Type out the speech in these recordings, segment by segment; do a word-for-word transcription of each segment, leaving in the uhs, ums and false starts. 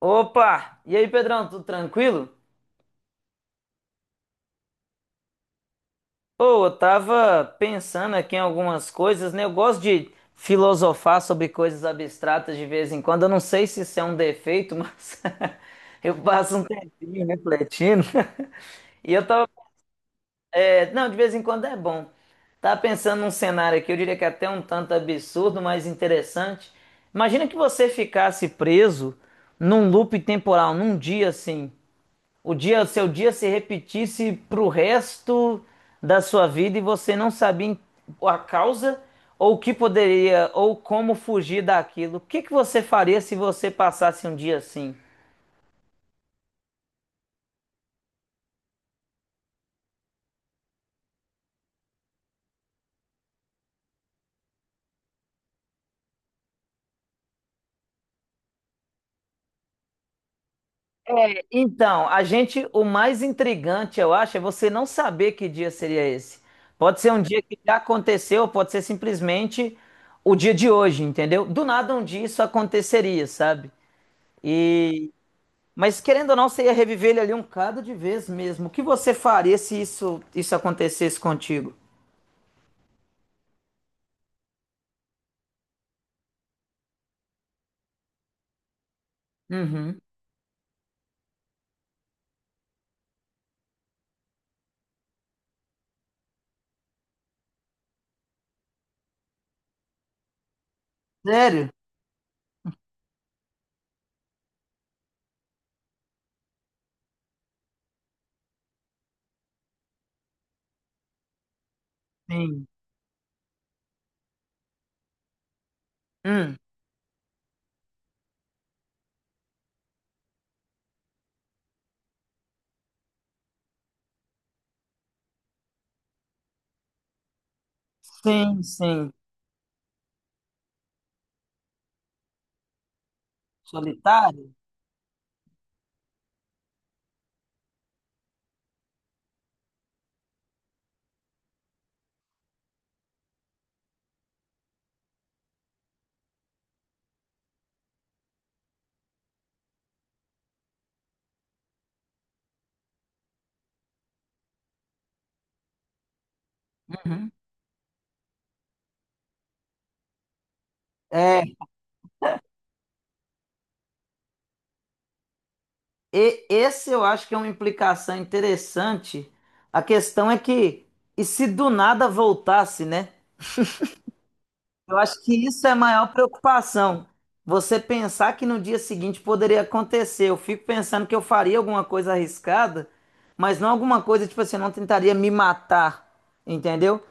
Opa! E aí, Pedrão, tudo tranquilo? Pô, eu tava pensando aqui em algumas coisas, né? Eu gosto de filosofar sobre coisas abstratas de vez em quando. Eu não sei se isso é um defeito, mas eu passo um tempinho refletindo. E eu tava. é, Não, de vez em quando é bom. Tava pensando num cenário aqui, eu diria que é até um tanto absurdo, mas interessante. Imagina que você ficasse preso num loop temporal, num dia assim. O dia, o seu dia se repetisse pro resto da sua vida e você não sabia em- a causa ou o que poderia ou como fugir daquilo. O que que você faria se você passasse um dia assim? Então, a gente, o mais intrigante, eu acho, é você não saber que dia seria esse. Pode ser um dia que já aconteceu, pode ser simplesmente o dia de hoje, entendeu? Do nada um dia isso aconteceria, sabe? E Mas querendo ou não, você ia reviver ele ali um bocado de vez mesmo. O que você faria se isso, isso acontecesse contigo? Uhum. Sério? Sim. Hum. Sim, sim. Solitário? Uhum. É, e- Esse eu acho que é uma implicação interessante. A questão é que, e se do nada voltasse, né? Eu acho que isso é a maior preocupação. Você pensar que no dia seguinte poderia acontecer. Eu fico pensando que eu faria alguma coisa arriscada, mas não alguma coisa tipo assim, eu não tentaria me matar, entendeu?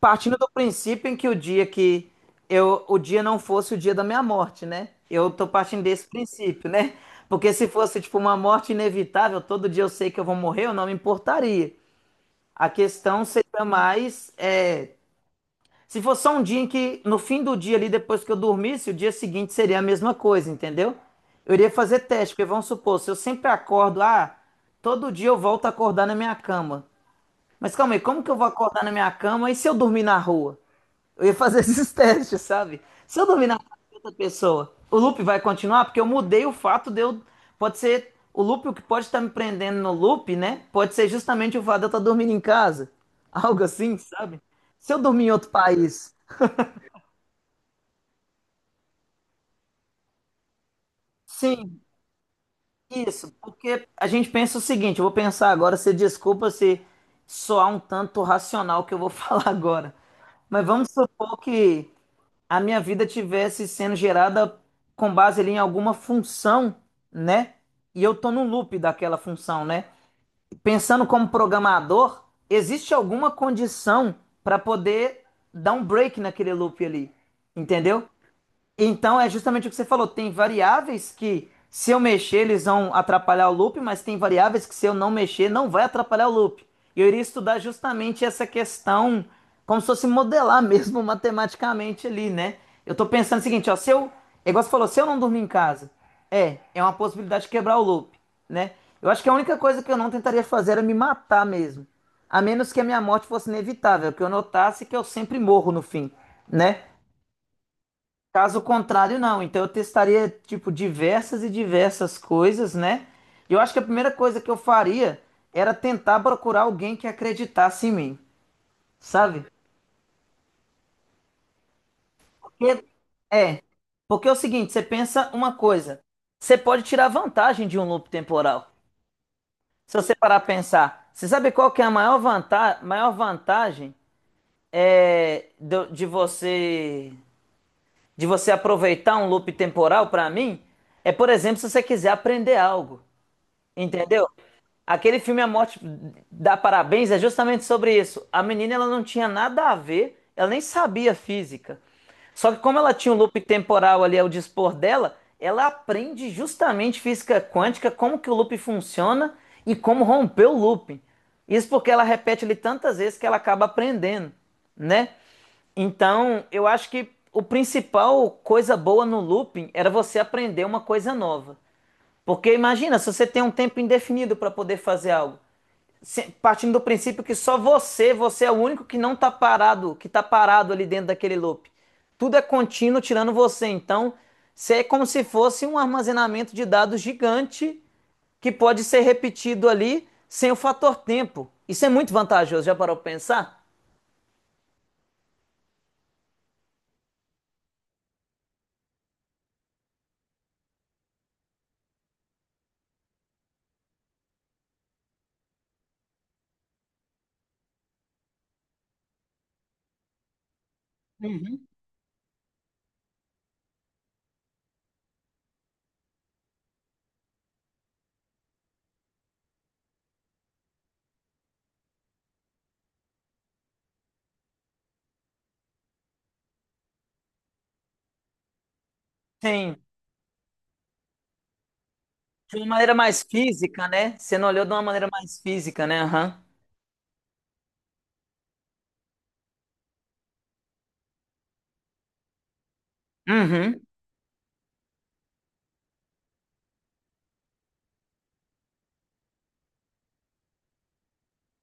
Partindo do princípio em que o dia que eu, o dia não fosse o dia da minha morte, né? Eu tô partindo desse princípio, né? Porque se fosse tipo uma morte inevitável, todo dia eu sei que eu vou morrer, eu não me importaria. A questão seria mais é, se fosse só um dia em que, no fim do dia ali, depois que eu dormisse, o dia seguinte seria a mesma coisa, entendeu? Eu iria fazer teste, porque vamos supor, se eu sempre acordo, ah, todo dia eu volto a acordar na minha cama. Mas calma aí, como que eu vou acordar na minha cama e se eu dormir na rua? Eu ia fazer esses testes, sabe? Se eu dormir na casa de outra pessoa, o loop vai continuar? Porque eu mudei o fato de eu. Pode ser. O loop, o que pode estar me prendendo no loop, né? Pode ser justamente o fato de eu estar dormindo em casa. Algo assim, sabe? Se eu dormir em outro país. Sim, isso, porque a gente pensa o seguinte, eu vou pensar agora, você desculpa se soar um tanto racional o que eu vou falar agora, mas vamos supor que a minha vida tivesse sendo gerada com base ali em alguma função, né? E eu tô no loop daquela função, né? Pensando como programador, existe alguma condição para poder dar um break naquele loop ali, entendeu? Então é justamente o que você falou. Tem variáveis que, se eu mexer, eles vão atrapalhar o loop, mas tem variáveis que, se eu não mexer, não vai atrapalhar o loop. E eu iria estudar justamente essa questão, como se fosse modelar mesmo matematicamente ali, né? Eu tô pensando o seguinte, ó, se eu, é igual você falou, se eu não dormir em casa, é, é uma possibilidade de quebrar o loop, né? Eu acho que a única coisa que eu não tentaria fazer era me matar mesmo. A menos que a minha morte fosse inevitável, que eu notasse que eu sempre morro no fim, né? Caso contrário, não. Então eu testaria, tipo, diversas e diversas coisas, né? E eu acho que a primeira coisa que eu faria era tentar procurar alguém que acreditasse em mim, sabe? Porque, é, porque é o seguinte, você pensa uma coisa, você pode tirar vantagem de um loop temporal. Se você parar a pensar, você sabe qual que é a maior vantagem, maior vantagem é do- de você de você aproveitar um loop temporal para mim? É, por exemplo, se você quiser aprender algo. Entendeu? Aquele filme A Morte dá Parabéns é justamente sobre isso. A menina ela não tinha nada a ver, ela nem sabia física. Só que como ela tinha um loop temporal ali ao dispor dela, ela aprende justamente física quântica, como que o loop funciona e como romper o loop. Isso porque ela repete ele tantas vezes que ela acaba aprendendo, né? Então, eu acho que o principal coisa boa no looping era você aprender uma coisa nova. Porque imagina, se você tem um tempo indefinido para poder fazer algo, se- partindo do princípio que só você, você é o único que não está parado, que está parado ali dentro daquele loop. Tudo é contínuo tirando você. Então, você é como se fosse um armazenamento de dados gigante que pode ser repetido ali sem o fator tempo. Isso é muito vantajoso, já parou para pensar? Sim, de uma maneira mais física, né? Você não olhou de uma maneira mais física, né? Aham. Uhum.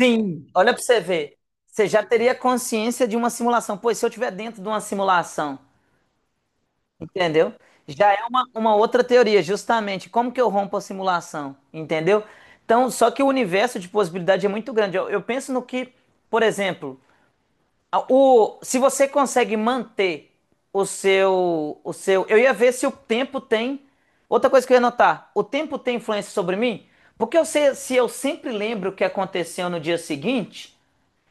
Sim, olha para você ver. Você já teria consciência de uma simulação. Pois se eu estiver dentro de uma simulação, entendeu? Já é uma, uma outra teoria, justamente. Como que eu rompo a simulação, entendeu? Então, só que o universo de possibilidade é muito grande. Eu, eu penso no que, por exemplo, a- o, se você consegue manter o seu, o seu. Eu ia ver se o tempo tem. Outra coisa que eu ia notar: o tempo tem influência sobre mim? Porque eu sei, se eu sempre lembro o que aconteceu no dia seguinte.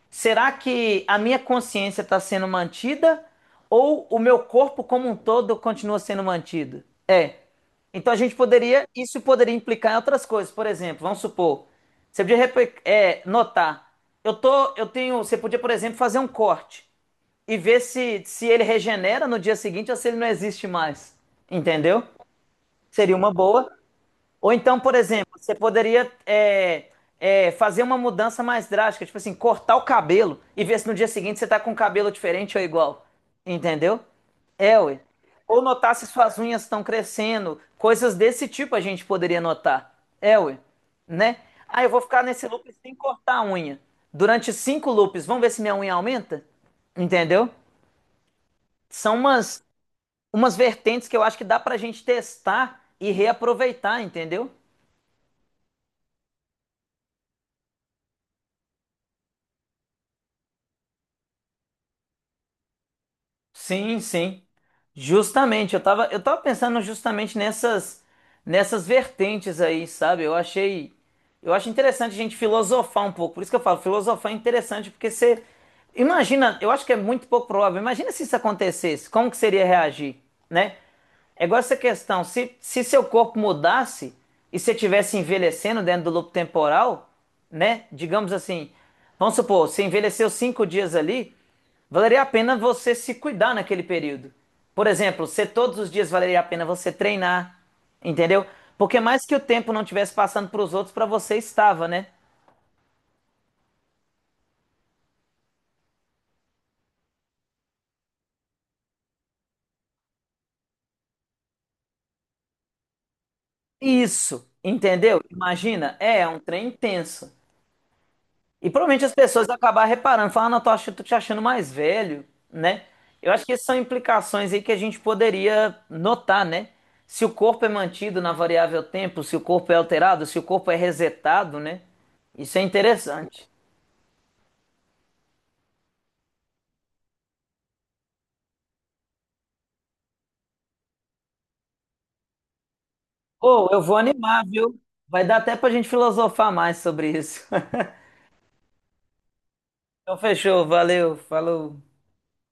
Será que a minha consciência está sendo mantida ou o meu corpo como um todo continua sendo mantido? É. Então a gente poderia, isso poderia implicar em outras coisas. Por exemplo, vamos supor, você podia repe- é, notar, eu tô, eu tenho, você podia, por exemplo, fazer um corte e ver se, se ele regenera no dia seguinte ou se ele não existe mais. Entendeu? Seria uma boa. Ou então, por exemplo, você poderia é, é, fazer uma mudança mais drástica, tipo assim, cortar o cabelo e ver se no dia seguinte você tá com o cabelo diferente ou igual. Entendeu? É, ué. Ou notar se suas unhas estão crescendo, coisas desse tipo a gente poderia notar. É, ué. Né? Ah, eu vou ficar nesse loop sem cortar a unha. Durante cinco loops, vamos ver se minha unha aumenta? Entendeu? São umas, umas vertentes que eu acho que dá pra gente testar e reaproveitar, entendeu? Sim, sim. Justamente, eu tava, eu tava pensando justamente nessas nessas vertentes aí, sabe? Eu achei eu acho interessante a gente filosofar um pouco. Por isso que eu falo, filosofar é interessante porque você imagina, eu acho que é muito pouco provável. Imagina se isso acontecesse, como que seria reagir, né? É igual essa questão. Se, se seu corpo mudasse e você estivesse envelhecendo dentro do loop temporal, né? Digamos assim, vamos supor, você envelheceu cinco dias ali, valeria a pena você se cuidar naquele período. Por exemplo, se todos os dias valeria a pena você treinar, entendeu? Porque mais que o tempo não estivesse passando para os outros, para você estava, né? Isso, entendeu? Imagina, é, é um trem intenso. E provavelmente as pessoas vão acabar reparando, falando, ah, não, tô ach- tô te achando mais velho, né? Eu acho que essas são implicações aí que a gente poderia notar, né? Se o corpo é mantido na variável tempo, se o corpo é alterado, se o corpo é resetado, né? Isso é interessante. Pô, eu vou animar, viu? Vai dar até pra gente filosofar mais sobre isso. Então fechou, valeu, falou.